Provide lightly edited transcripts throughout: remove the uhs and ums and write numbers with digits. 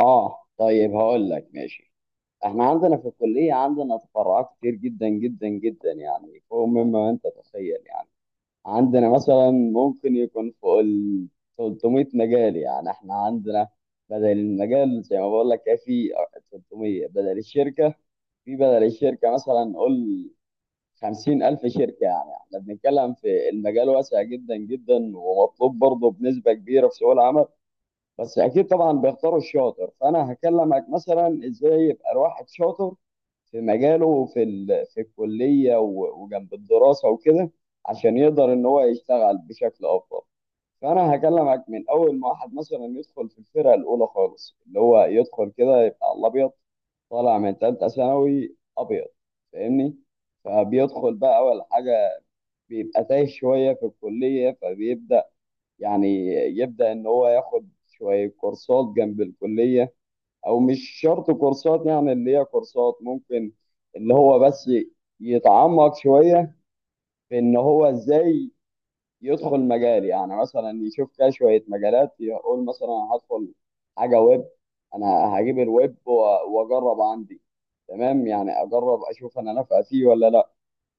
اه طيب هقول لك ماشي. احنا عندنا في الكلية عندنا تفرعات كتير جدا جدا جدا، يعني فوق مما انت تتخيل. يعني عندنا مثلا ممكن يكون فوق ال 300 مجال. يعني احنا عندنا بدل المجال زي ما بقول لك كده في 300 بدل الشركة. في بدل الشركة مثلا قول 50,000 شركة. يعني احنا بنتكلم في المجال واسع جدا جدا، ومطلوب برضه بنسبة كبيرة في سوق العمل. بس اكيد طبعا بيختاروا الشاطر. فانا هكلمك مثلا ازاي يبقى الواحد شاطر في مجاله، في الكليه، وجنب الدراسه وكده، عشان يقدر ان هو يشتغل بشكل افضل. فانا هكلمك من اول ما واحد مثلا يدخل في الفرقه الاولى خالص، اللي هو يدخل كده يبقى على الابيض، طالع من ثالثه ثانوي ابيض. فاهمني؟ فبيدخل بقى اول حاجه بيبقى تايه شويه في الكليه، فبيبدا يعني يبدأ إن هو ياخد شوية كورسات جنب الكلية، أو مش شرط كورسات، يعني اللي هي كورسات ممكن اللي هو بس يتعمق شوية في إن هو إزاي يدخل مجال. يعني مثلا يشوف كده شوية مجالات، يقول مثلا أنا هدخل حاجة ويب، أنا هجيب الويب وأجرب عندي، تمام؟ يعني أجرب أشوف أنا نافع فيه ولا لأ.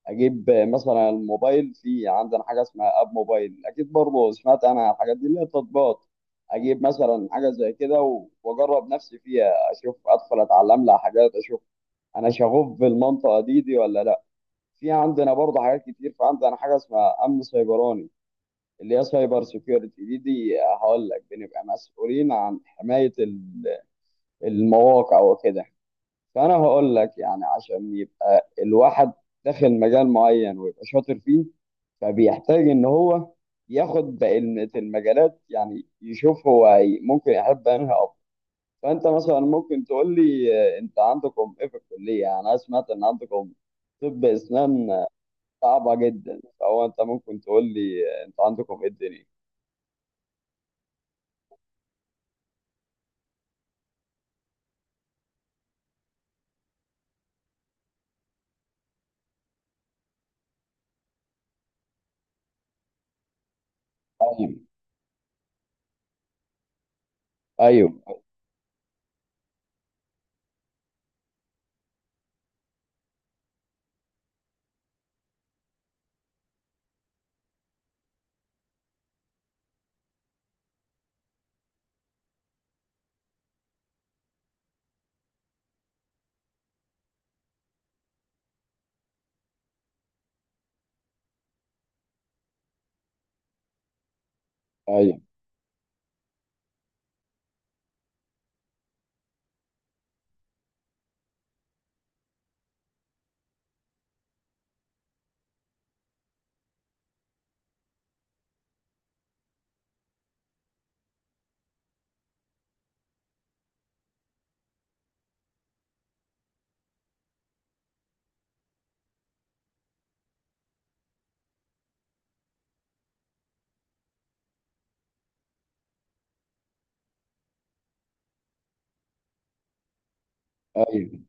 اجيب مثلا الموبايل. في عندنا حاجه اسمها اب موبايل، اكيد برضه سمعت انا عن الحاجات دي اللي هي التطبيقات. اجيب مثلا حاجه زي كده واجرب نفسي فيها، اشوف ادخل اتعلم لها حاجات، اشوف انا شغوف بالمنطقه دي ولا لا. في عندنا برضه حاجات كتير، فعندنا حاجه اسمها امن سيبراني، اللي هي سايبر سيكيورتي. دي هقول لك بنبقى مسؤولين عن حمايه المواقع وكده. فانا هقول لك يعني عشان يبقى الواحد داخل مجال معين ويبقى شاطر فيه، فبيحتاج ان هو ياخد بقية المجالات، يعني يشوف ممكن يحب انهي اكتر. فانت مثلا ممكن تقول لي، انت عندكم ايه في الكليه؟ يعني انا سمعت ان عندكم طب اسنان صعبه جدا. فهو انت ممكن تقول لي، انت عندكم ايه الدنيا. ايوه، ايوه، ايوه،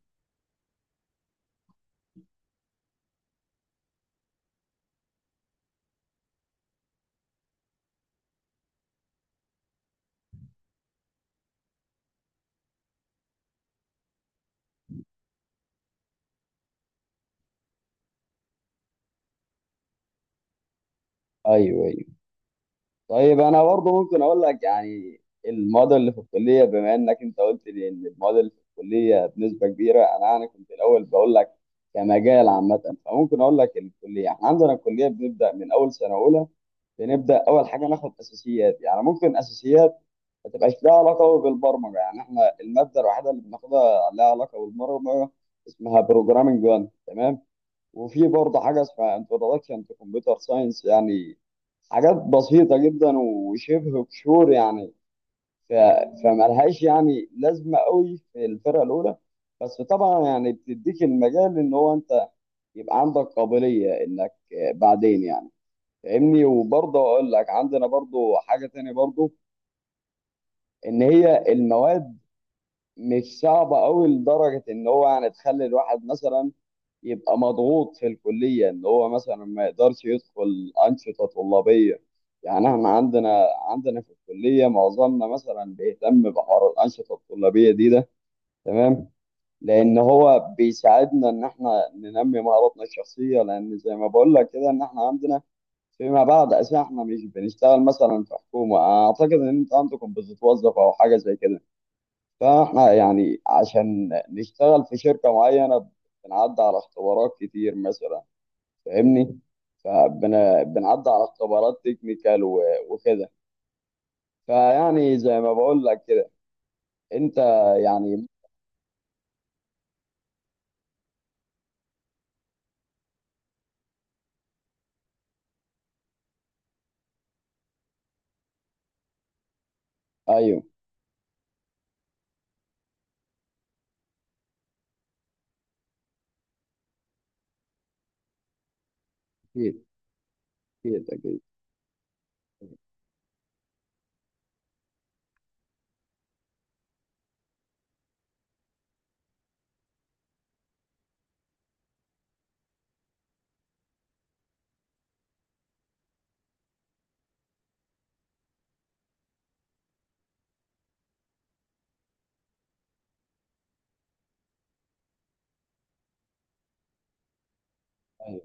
ايوه، أيوه. طيب انا برضه ممكن اقول لك يعني المواد اللي في الكليه، بما انك انت قلت لي ان المواد اللي في الكليه بنسبه كبيره انا يعني كنت الاول بقول لك كمجال عامه، فممكن اقول لك الكليه. احنا عندنا الكليه بنبدا من اول سنه اولى، بنبدا اول حاجه ناخد اساسيات. يعني ممكن اساسيات ما تبقاش لها علاقه قوي بالبرمجه. يعني احنا الماده الوحيده اللي بناخدها لها علاقه بالبرمجه اسمها بروجرامنج 1، تمام؟ وفي برضه حاجه اسمها انتروداكشن تو كمبيوتر ساينس. يعني حاجات بسيطة جدا وشبه قشور يعني، ف... فملهاش يعني لازمة قوي في الفرقة الأولى. بس طبعا يعني بتديك المجال إن هو أنت يبقى عندك قابلية إنك بعدين يعني، فاهمني؟ وبرضه أقول لك عندنا برضه حاجة تانية برضه، إن هي المواد مش صعبة قوي لدرجة إن هو يعني تخلي الواحد مثلا يبقى مضغوط في الكلية، اللي هو مثلا ما يقدرش يدخل أنشطة طلابية. يعني احنا عندنا في الكلية معظمنا مثلا بيهتم بحوار الأنشطة الطلابية دي، تمام؟ لأن هو بيساعدنا إن احنا ننمي مهاراتنا الشخصية، لأن زي ما بقول لك كده إن احنا عندنا فيما بعد أساسا احنا مش بنشتغل مثلا في حكومة. أعتقد إن أنت عندكم بتتوظف أو حاجة زي كده، فاحنا يعني عشان نشتغل في شركة معينة بنعدي على اختبارات كتير مثلا، فاهمني؟ فبنعدي على اختبارات تكنيكال وكده. فيعني زي ما بقول لك كده انت يعني، ايوه، اكيد، اكيد، اكيد، ايوه.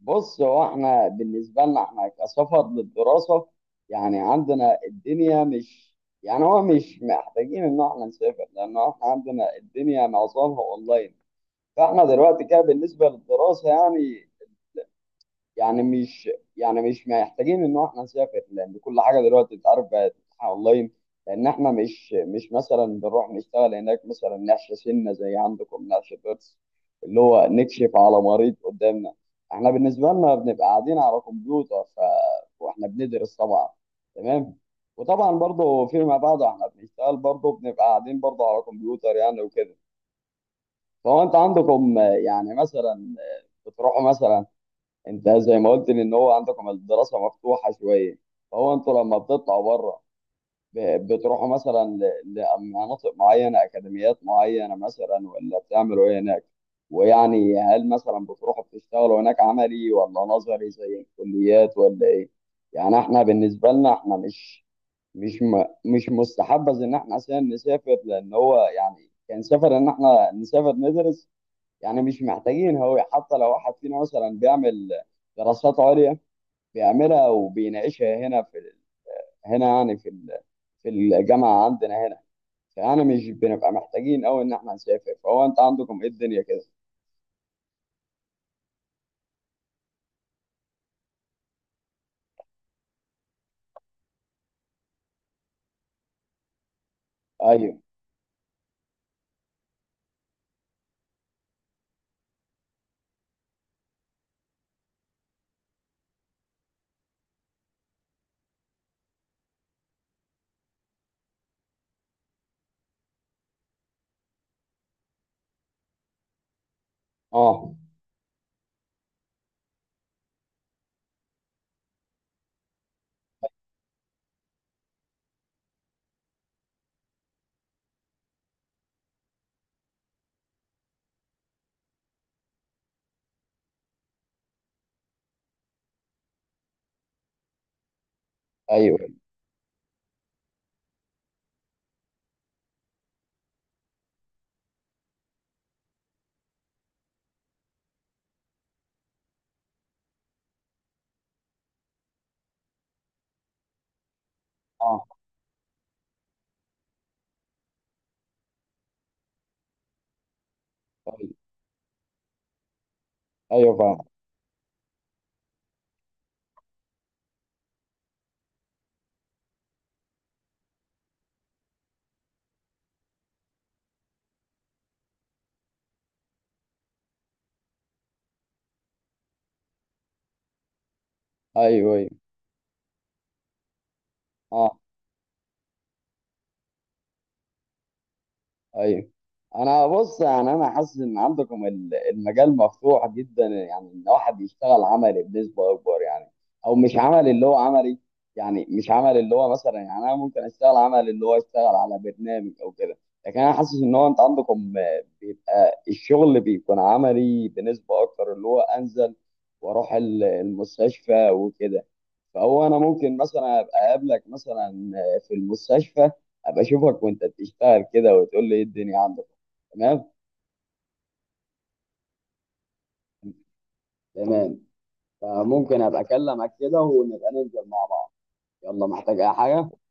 بص، هو احنا بالنسبه لنا احنا كسفر للدراسه، يعني عندنا الدنيا مش، يعني هو مش محتاجين ان احنا نسافر، لان احنا عندنا الدنيا معظمها اونلاين. فاحنا دلوقتي كده بالنسبه للدراسه يعني، يعني مش مش محتاجين ان احنا نسافر، لان كل حاجه دلوقتي اتعرف بقت اونلاين. لان احنا مش مثلا بنروح نشتغل هناك مثلا، نحشي سنه زي عندكم، نحشي ضرس، اللي هو نكشف على مريض قدامنا. احنا بالنسبه لنا بنبقى قاعدين على كمبيوتر واحنا بندرس طبعا، تمام؟ وطبعا برضه فيما بعد احنا بنشتغل برضه، بنبقى قاعدين برضه على كمبيوتر يعني وكده. فهو انت عندكم يعني مثلا بتروحوا مثلا، انت زي ما قلت لي ان هو عندكم الدراسه مفتوحه شويه. فهو انتوا لما بتطلعوا بره بتروحوا مثلا لمناطق معينه، اكاديميات معينه مثلا، ولا بتعملوا ايه هناك؟ ويعني هل مثلا بتروحوا بتشتغلوا هناك عملي ولا نظري زي الكليات ولا ايه؟ يعني احنا بالنسبه لنا احنا مش مستحبذ ان احنا عشان نسافر، لان هو يعني كان سفر ان احنا نسافر ندرس يعني. مش محتاجين، هو حتى لو واحد فينا مثلا بيعمل دراسات عليا بيعملها وبيناقشها هنا هنا، يعني في الجامعة عندنا هنا. فأنا مش بنبقى محتاجين أوي إن إحنا نسافر. فهو أنت عندكم إيه الدنيا كده؟ أيوه، أه، أيوه، أه، أيوه، أيوه، فاهم، أيوه، أيوه، آه، ايوه. انا بص، يعني انا حاسس ان عندكم المجال مفتوح جدا، يعني ان واحد يشتغل عملي بنسبه اكبر يعني. او مش عملي اللي هو عملي، يعني مش عملي اللي هو مثلا، يعني انا ممكن اشتغل عملي اللي هو اشتغل على برنامج او كده. لكن انا حاسس ان هو انت عندكم بيبقى الشغل بيكون عملي بنسبه اكتر اللي هو انزل واروح المستشفى وكده. فهو انا ممكن مثلا ابقى اقابلك مثلا في المستشفى، ابقى اشوفك وانت بتشتغل كده وتقول لي ايه الدنيا عندك، تمام؟ تمام. فممكن ابقى اكلمك كده، ونبقى ننزل مع بعض. يلا، محتاج اي حاجه.